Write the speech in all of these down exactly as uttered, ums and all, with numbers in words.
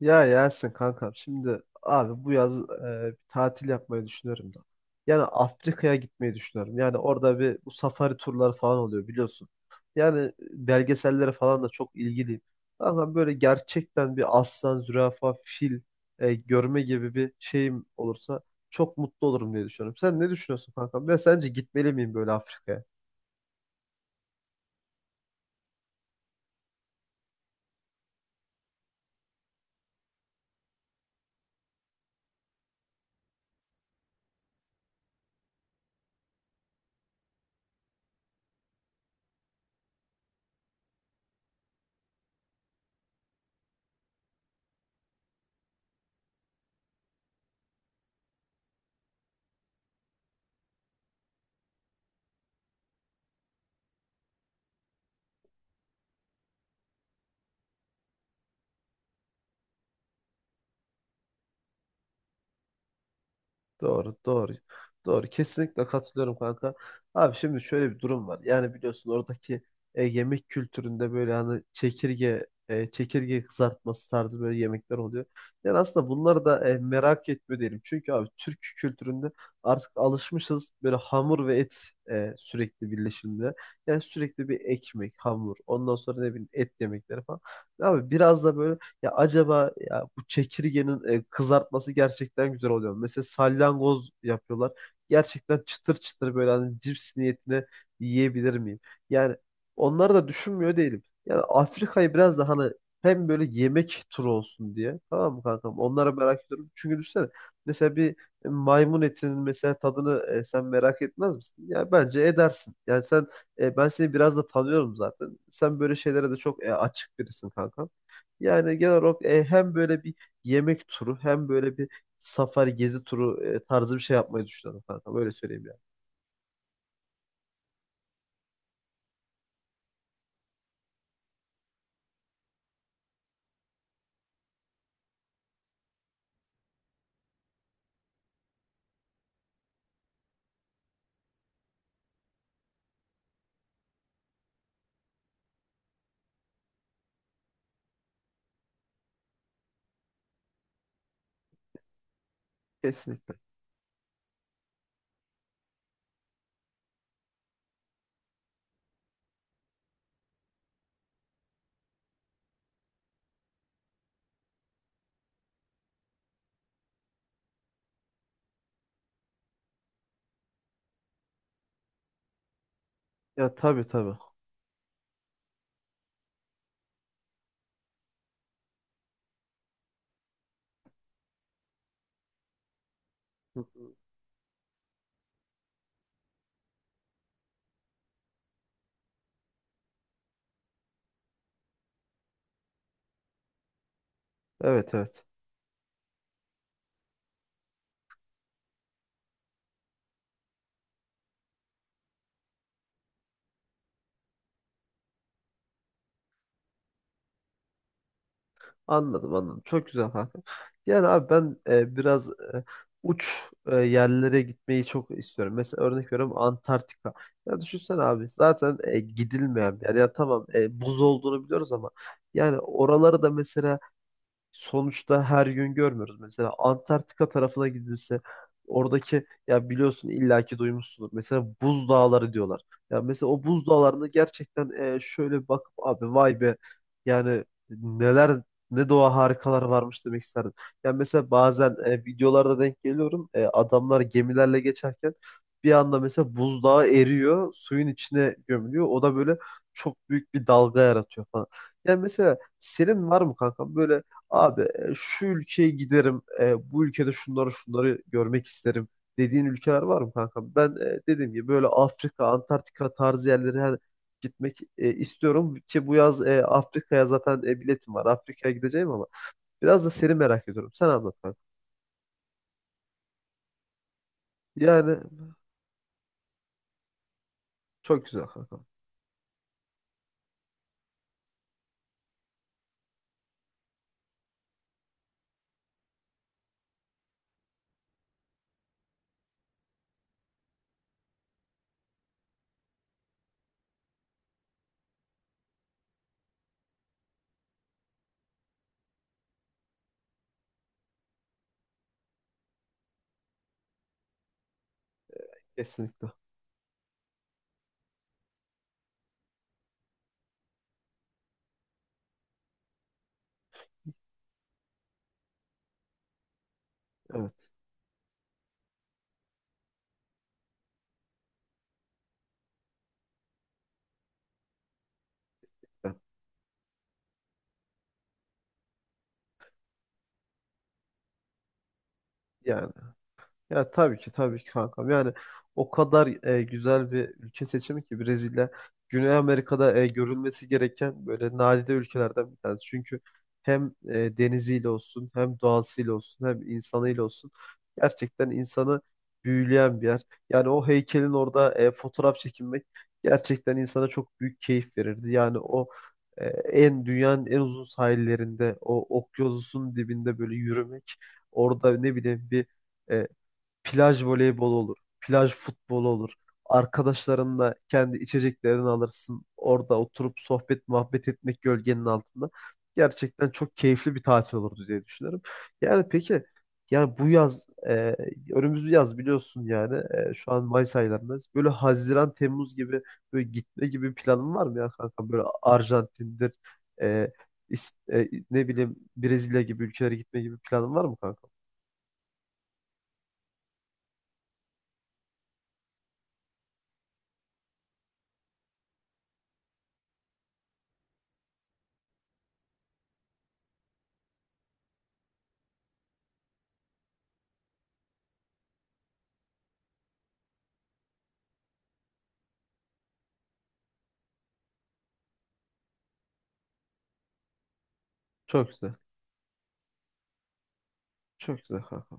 Ya Yasin kankam, şimdi abi bu yaz e, bir tatil yapmayı düşünüyorum da. Yani Afrika'ya gitmeyi düşünüyorum. Yani orada bir bu safari turları falan oluyor biliyorsun. Yani belgesellere falan da çok ilgiliyim. Kankam, böyle gerçekten bir aslan, zürafa, fil e, görme gibi bir şeyim olursa çok mutlu olurum diye düşünüyorum. Sen ne düşünüyorsun kankam? Ben sence gitmeli miyim böyle Afrika'ya? Doğru, doğru. Doğru. Kesinlikle katılıyorum kanka. Abi şimdi şöyle bir durum var. Yani biliyorsun oradaki e, yemek kültüründe böyle hani çekirge e, çekirge kızartması tarzı böyle yemekler oluyor. Yani aslında bunları da e, merak etmiyor değilim. Çünkü abi Türk kültüründe artık alışmışız böyle hamur ve et e, sürekli birleşimde. Yani sürekli bir ekmek, hamur, ondan sonra ne bileyim et yemekleri falan. Abi biraz da böyle ya acaba ya bu çekirgenin e, kızartması gerçekten güzel oluyor. Mesela salyangoz yapıyorlar. Gerçekten çıtır çıtır böyle hani cips niyetine yiyebilir miyim? Yani onları da düşünmüyor değilim. Yani Afrika'yı biraz da hani hem böyle yemek turu olsun diye. Tamam mı kankam? Onlara merak ediyorum. Çünkü düşünsene mesela bir maymun etinin mesela tadını e, sen merak etmez misin? Ya bence edersin. Yani sen e, ben seni biraz da tanıyorum zaten. Sen böyle şeylere de çok e, açık birisin kankam. Yani genel olarak e, hem böyle bir yemek turu hem böyle bir safari gezi turu e, tarzı bir şey yapmayı düşünüyorum kanka. Böyle söyleyeyim yani. Kesinlikle. Ya tabii, tabii. Hı hı. Evet, evet. Anladım, anladım. Çok güzel kanka. Yani abi ben e, biraz e, uç e, yerlere gitmeyi çok istiyorum. Mesela örnek veriyorum, Antarktika. Ya düşünsene abi, zaten e, gidilmeyen bir yer. Ya tamam, e, buz olduğunu biliyoruz ama yani oraları da mesela sonuçta her gün görmüyoruz. Mesela Antarktika tarafına gidilse oradaki, ya biliyorsun illaki duymuşsundur. Mesela buz dağları diyorlar. Ya mesela o buz dağlarında gerçekten e, şöyle bir bakıp abi vay be yani neler, ne doğa harikalar varmış demek isterdim. Yani mesela bazen e, videolarda denk geliyorum. E, adamlar gemilerle geçerken bir anda mesela buzdağı eriyor, suyun içine gömülüyor. O da böyle çok büyük bir dalga yaratıyor falan. Yani mesela senin var mı kankam böyle abi e, şu ülkeye giderim, e, bu ülkede şunları şunları görmek isterim dediğin ülkeler var mı kanka? Ben e, dediğim gibi böyle Afrika, Antarktika tarzı yerlere her- gitmek e, istiyorum ki bu yaz e, Afrika'ya zaten e, biletim var. Afrika'ya gideceğim ama biraz da seni merak ediyorum. Sen anlat kanka. Yani çok güzel kanka. Kesinlikle. Evet. Yani ya tabii ki, tabii ki kankam. Yani o kadar e, güzel bir ülke seçimi ki Brezilya, Güney Amerika'da e, görülmesi gereken böyle nadide ülkelerden bir tanesi. Çünkü hem e, deniziyle olsun, hem doğasıyla olsun, hem insanıyla olsun gerçekten insanı büyüleyen bir yer. Yani o heykelin orada e, fotoğraf çekinmek gerçekten insana çok büyük keyif verirdi. Yani o e, en dünyanın en uzun sahillerinde, o okyanusun dibinde böyle yürümek, orada ne bileyim bir e, plaj voleybolu olur. Plaj futbolu olur. Arkadaşlarınla kendi içeceklerini alırsın. Orada oturup sohbet muhabbet etmek gölgenin altında. Gerçekten çok keyifli bir tatil olurdu diye düşünüyorum. Yani peki, yani bu yaz e, önümüz yaz biliyorsun yani, e, şu an Mayıs aylarındayız. Böyle Haziran, Temmuz gibi böyle gitme gibi bir planın var mı ya kanka? Böyle Arjantin'dir, e, İs- e, ne bileyim Brezilya gibi ülkelere gitme gibi bir planın var mı kanka? Çok güzel. Çok güzel kanka.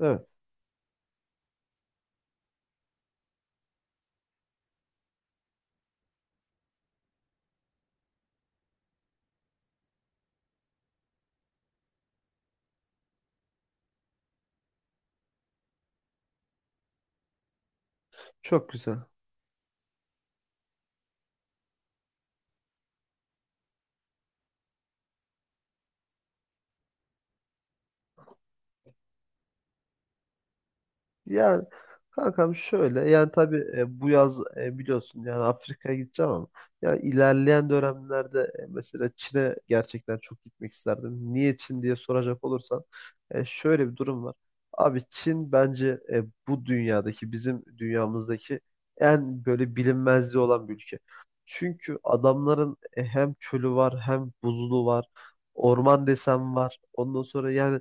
Evet. Çok güzel. Yani kankam şöyle, yani tabii e, bu yaz e, biliyorsun yani Afrika'ya gideceğim ama yani ilerleyen dönemlerde e, mesela Çin'e gerçekten çok gitmek isterdim. Niye Çin diye soracak olursan, e, şöyle bir durum var. Abi Çin bence e, bu dünyadaki, bizim dünyamızdaki en böyle bilinmezliği olan bir ülke. Çünkü adamların e, hem çölü var hem buzulu var. Orman desem var. Ondan sonra yani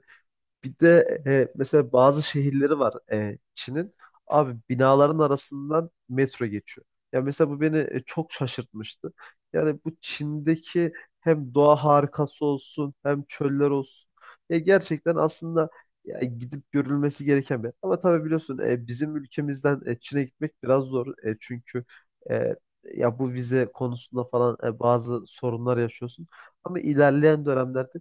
bir de e, mesela bazı şehirleri var e, Çin'in. Abi binaların arasından metro geçiyor. Ya mesela bu beni e, çok şaşırtmıştı. Yani bu Çin'deki hem doğa harikası olsun hem çöller olsun. Ya gerçekten aslında ya gidip görülmesi gereken bir. Ama tabii biliyorsun e, bizim ülkemizden e, Çin'e gitmek biraz zor. E, çünkü e, ya bu vize konusunda falan e, bazı sorunlar yaşıyorsun. Ama ilerleyen dönemlerde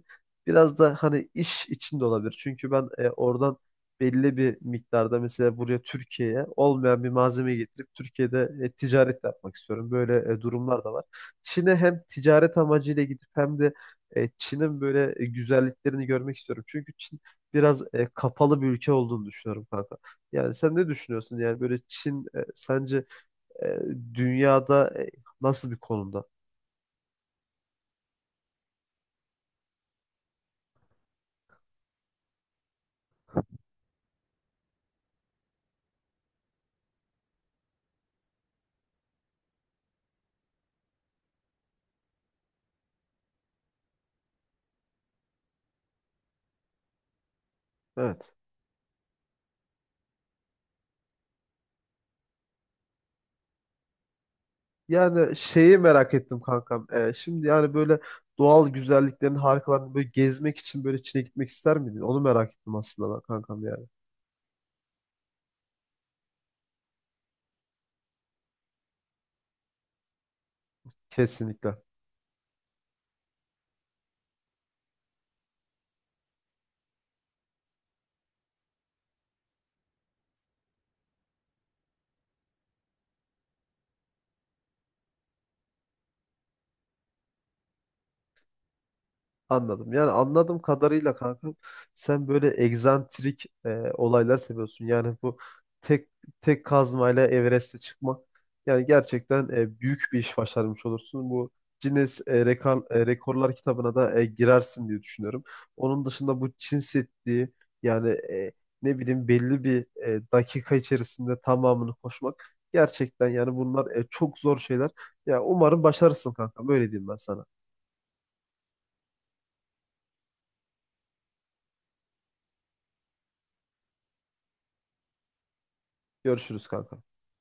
biraz da hani iş için de olabilir. Çünkü ben e, oradan belli bir miktarda mesela buraya Türkiye'ye olmayan bir malzeme getirip Türkiye'de e, ticaret yapmak istiyorum. Böyle e, durumlar da var. Çin'e hem ticaret amacıyla gidip hem de e, Çin'in böyle e, güzelliklerini görmek istiyorum. Çünkü Çin biraz e, kapalı bir ülke olduğunu düşünüyorum kanka. Yani sen ne düşünüyorsun? Yani böyle Çin e, sence e, dünyada e, nasıl bir konumda? Evet. Yani şeyi merak ettim kankam. Ee, şimdi yani böyle doğal güzelliklerin harikalarını böyle gezmek için böyle Çin'e gitmek ister miydin? Onu merak ettim aslında ben kankam yani. Kesinlikle. Anladım. Yani anladığım kadarıyla kanka sen böyle egzantrik e, olaylar seviyorsun. Yani bu tek tek kazmayla Everest'e çıkmak, yani gerçekten e, büyük bir iş başarmış olursun. Bu Guinness, e, rekor- e, Rekorlar kitabına da e, girersin diye düşünüyorum. Onun dışında bu Çin Seddi, yani e, ne bileyim belli bir e, dakika içerisinde tamamını koşmak gerçekten, yani bunlar e, çok zor şeyler. Ya umarım başarırsın kanka. Böyle diyeyim ben sana. Görüşürüz kanka.